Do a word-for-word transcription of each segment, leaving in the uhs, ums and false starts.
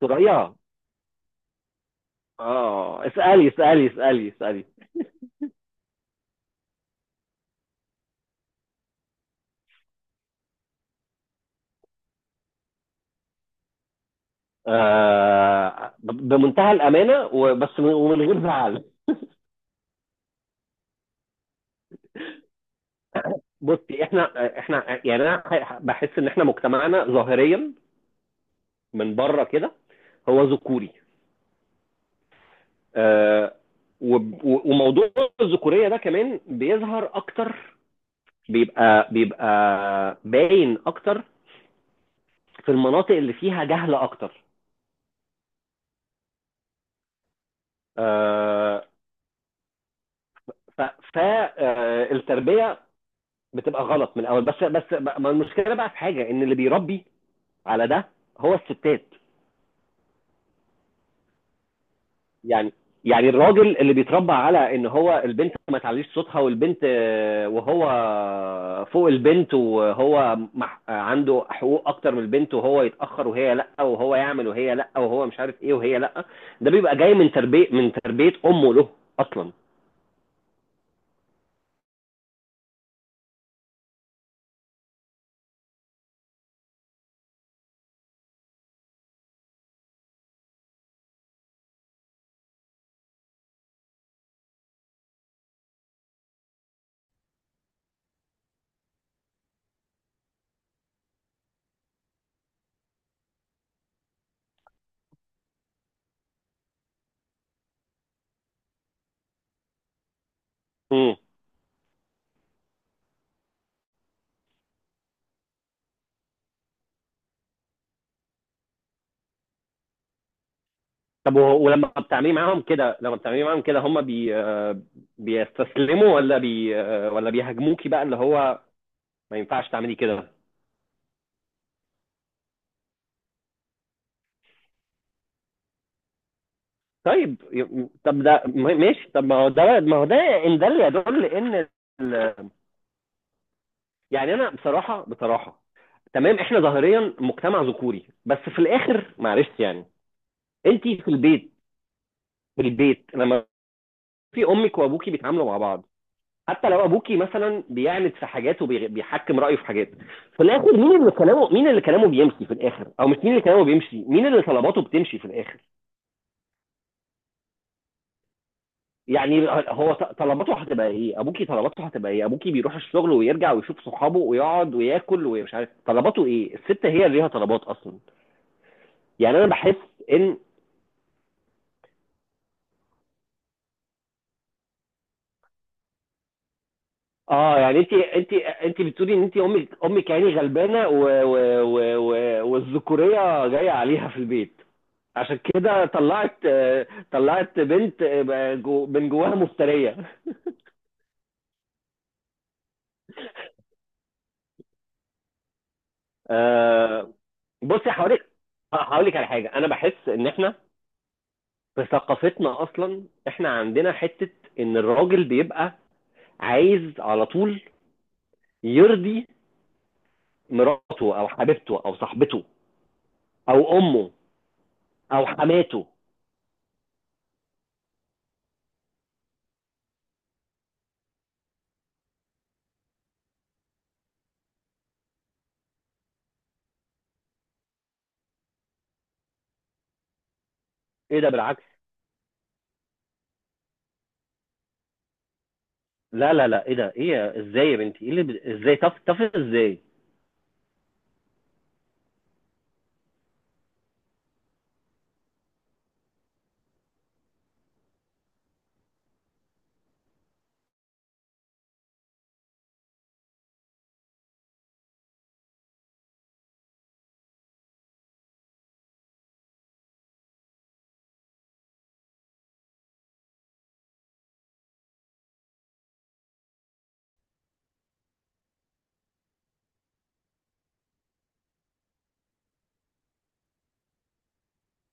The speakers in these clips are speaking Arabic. صغيره. اه اسالي اسالي اسالي اسالي. آه ب- بمنتهى الامانه وبس من- ومن غير زعل. بصي احنا احنا يعني انا ح- بحس ان احنا مجتمعنا ظاهريا من بره كده هو ذكوري. آه. وب- و- وموضوع الذكوريه ده كمان بيظهر اكتر، بيبقى بيبقى باين اكتر في المناطق اللي فيها جهل اكتر. آه، ف- فالتربيه بتبقى غلط من الاول، بس بس ما المشكله بقى في حاجه ان اللي بيربي على ده هو الستات. يعني، يعني الراجل اللي بيتربى على ان هو البنت ما تعليش صوتها والبنت آه، وهو فوق البنت وهو مح- آه، عنده حقوق اكتر من البنت، وهو يتاخر وهي لا، وهو يعمل وهي لا، وهو مش عارف ايه وهي لا. ده بيبقى جاي من تربيه، من تربيه امه له اصلا. امم. طب وه- ولما بتعملي معاهم كده، لما بتعملي معاهم كده، هم بي آه، بيستسلموا ولا بي آه، ولا بيهاجموكي بقى اللي هو ما ينفعش تعملي كده؟ طيب ي- طب ده م- ماشي، طب ما هو ده، ما هو ده ان ده اللي يدل ان ال- يعني انا بصراحه، بصراحه تمام، احنا ظاهريا مجتمع ذكوري بس في الاخر، معلش يعني، انت في البيت، في البيت لما في امك وابوكي بيتعاملوا مع بعض، حتى لو ابوكي مثلا بيعند في حاجات وبيحكم رايه في حاجات، في الاخر مين اللي كلامه، مين اللي كلامه بيمشي في الاخر، او مش مين اللي كلامه بيمشي، مين اللي طلباته بتمشي في الاخر؟ يعني هو ط- طلباته هتبقى ايه؟ ابوكي طلباته هتبقى ايه؟ ابوكي بيروح الشغل ويرجع ويشوف صحابه ويقعد وياكل ومش عارف طلباته ايه. الست هي اللي ليها طلبات اصلا. يعني انا بحس ان اه، يعني انت انت انت بتقولي ان انت امك، امك يعني غلبانه و- و- و- و- والذكوريه جايه عليها في البيت، عشان كده طلعت، طلعت بنت جو- من جواها مفترية. آه، بصي هقولك، هقولك على حاجة. أنا بحس إن إحنا في ثقافتنا أصلا إحنا عندنا حتة إن الراجل بيبقى عايز على طول يرضي مراته أو حبيبته أو صاحبته أو أمه أو حماته. إيه ده بالعكس! لا لا لا إيه ده؟ إيه يا- إزاي يا بنتي؟ إيه اللي ب- إزاي طف؟ طف إزاي؟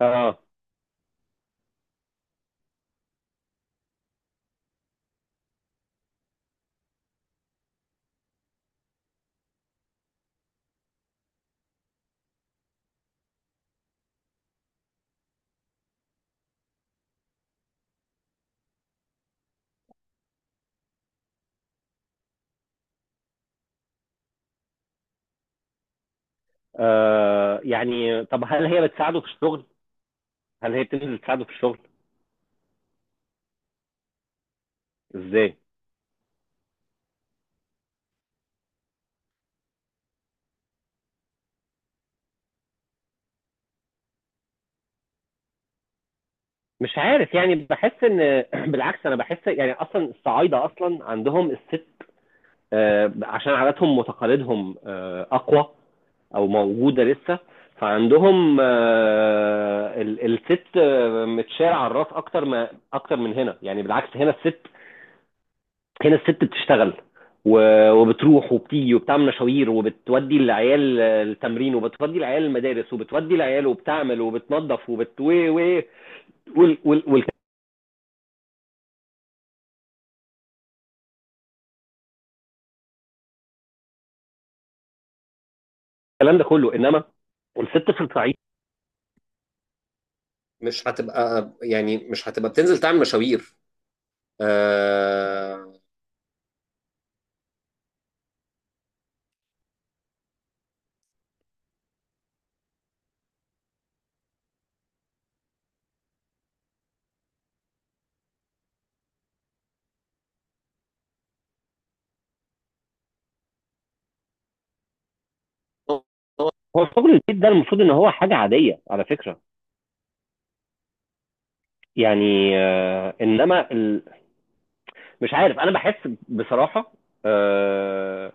آه. آه، يعني طب هل هي بتساعده في الشغل؟ هل هي بتنزل تساعده في الشغل؟ ازاي؟ مش عارف، يعني بحس ان بالعكس، انا بحس يعني اصلا الصعايده اصلا عندهم الست، آه، عشان عاداتهم وتقاليدهم آه، اقوى او موجوده لسه، فعندهم آه، ال- الست آه، متشال على الراس اكتر ما، اكتر من هنا. يعني بالعكس، هنا الست، هنا الست بتشتغل و- وبتروح وبتيجي وبتعمل مشاوير، وبتودي العيال التمرين وبتودي العيال المدارس وبتودي العيال، وبتعمل وبتنظف وبت و و وال وال والكلام ده كله. انما الست في الصعيد مش هتبقى، يعني مش هتبقى بتنزل تعمل مشاوير. آه. هو شغل البيت ده المفروض ان هو حاجه عاديه على فكره. يعني آه، انما ال... مش عارف، انا بحس بصراحه آه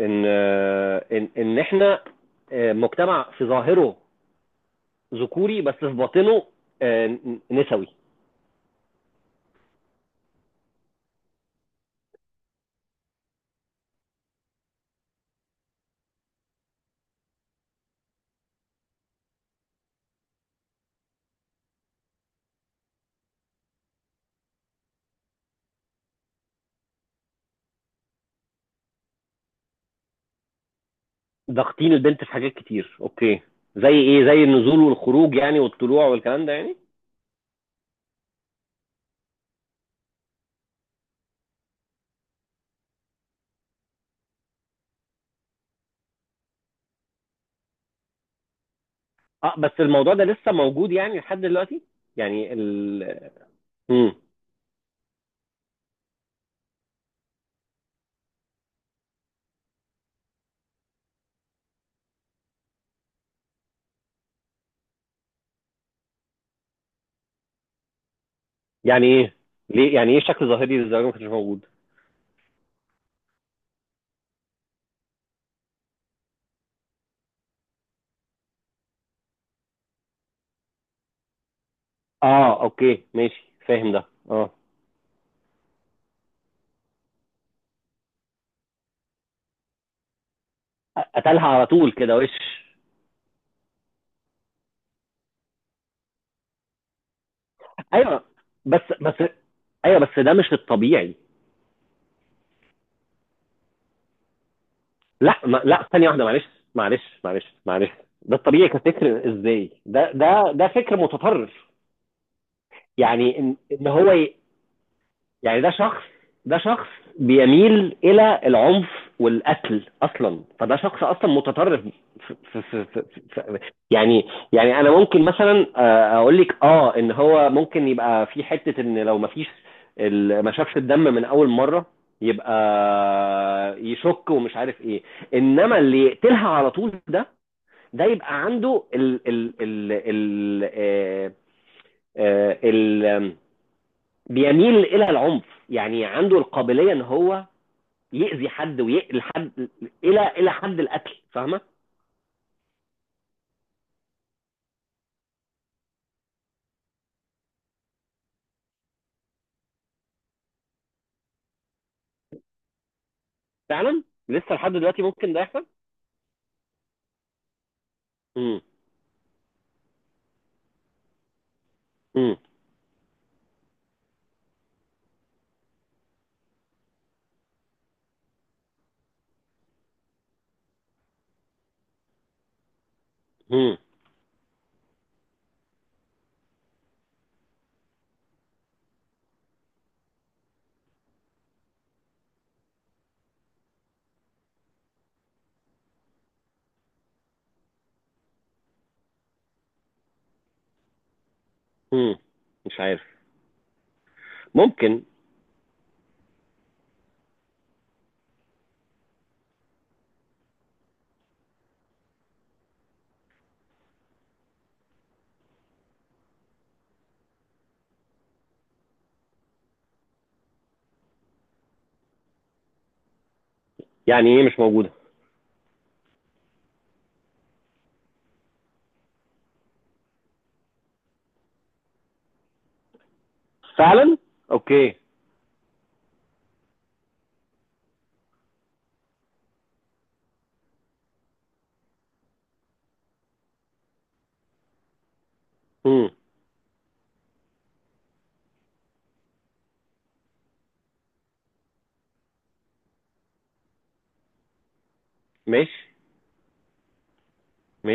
ان، آه ان ان احنا آه مجتمع في ظاهره ذكوري بس في باطنه آه نسوي. ضاغطين البنت في حاجات كتير، اوكي. زي ايه؟ زي النزول والخروج يعني، والطلوع والكلام ده يعني؟ اه بس الموضوع ده لسه موجود يعني لحد دلوقتي؟ يعني ال امم. يعني ايه؟ ليه؟ يعني ايه شكل ظاهري للزواج ما كانش موجود؟ اه اوكي ماشي، فاهم ده. اه. قتلها على طول كده وش؟ ايوه. بس بس ايوه بس ده مش الطبيعي. لا، ما لا ثانيه واحده معلش، معلش معلش معلش. ده الطبيعي كفكر ازاي؟ ده ده ده فكر متطرف. يعني ان ان هو ي- يعني ده شخص، ده شخص بيميل الى العنف والقتل اصلا، فده شخص اصلا متطرف. ف ف ف ف ف يعني، يعني انا ممكن مثلا آه، اقول لك اه ان هو ممكن يبقى في حته ان لو ما فيش ال- ما شافش الدم من اول مره يبقى يشك ومش عارف ايه. انما اللي يقتلها على طول ده، ده يبقى عنده ال ال ال ال آه، آه، ال- بيميل الى العنف. يعني عنده القابليه ان هو يأذي حد ويقتل حد الى الى حد القتل، فاهمه؟ فعلا، لسه لحد دلوقتي ممكن ده يحصل. مم. مم. مم. مم. مش عارف، ممكن. يعني ايه مش موجوده؟ فعلا. اوكي. مم. ماشي. ماشي.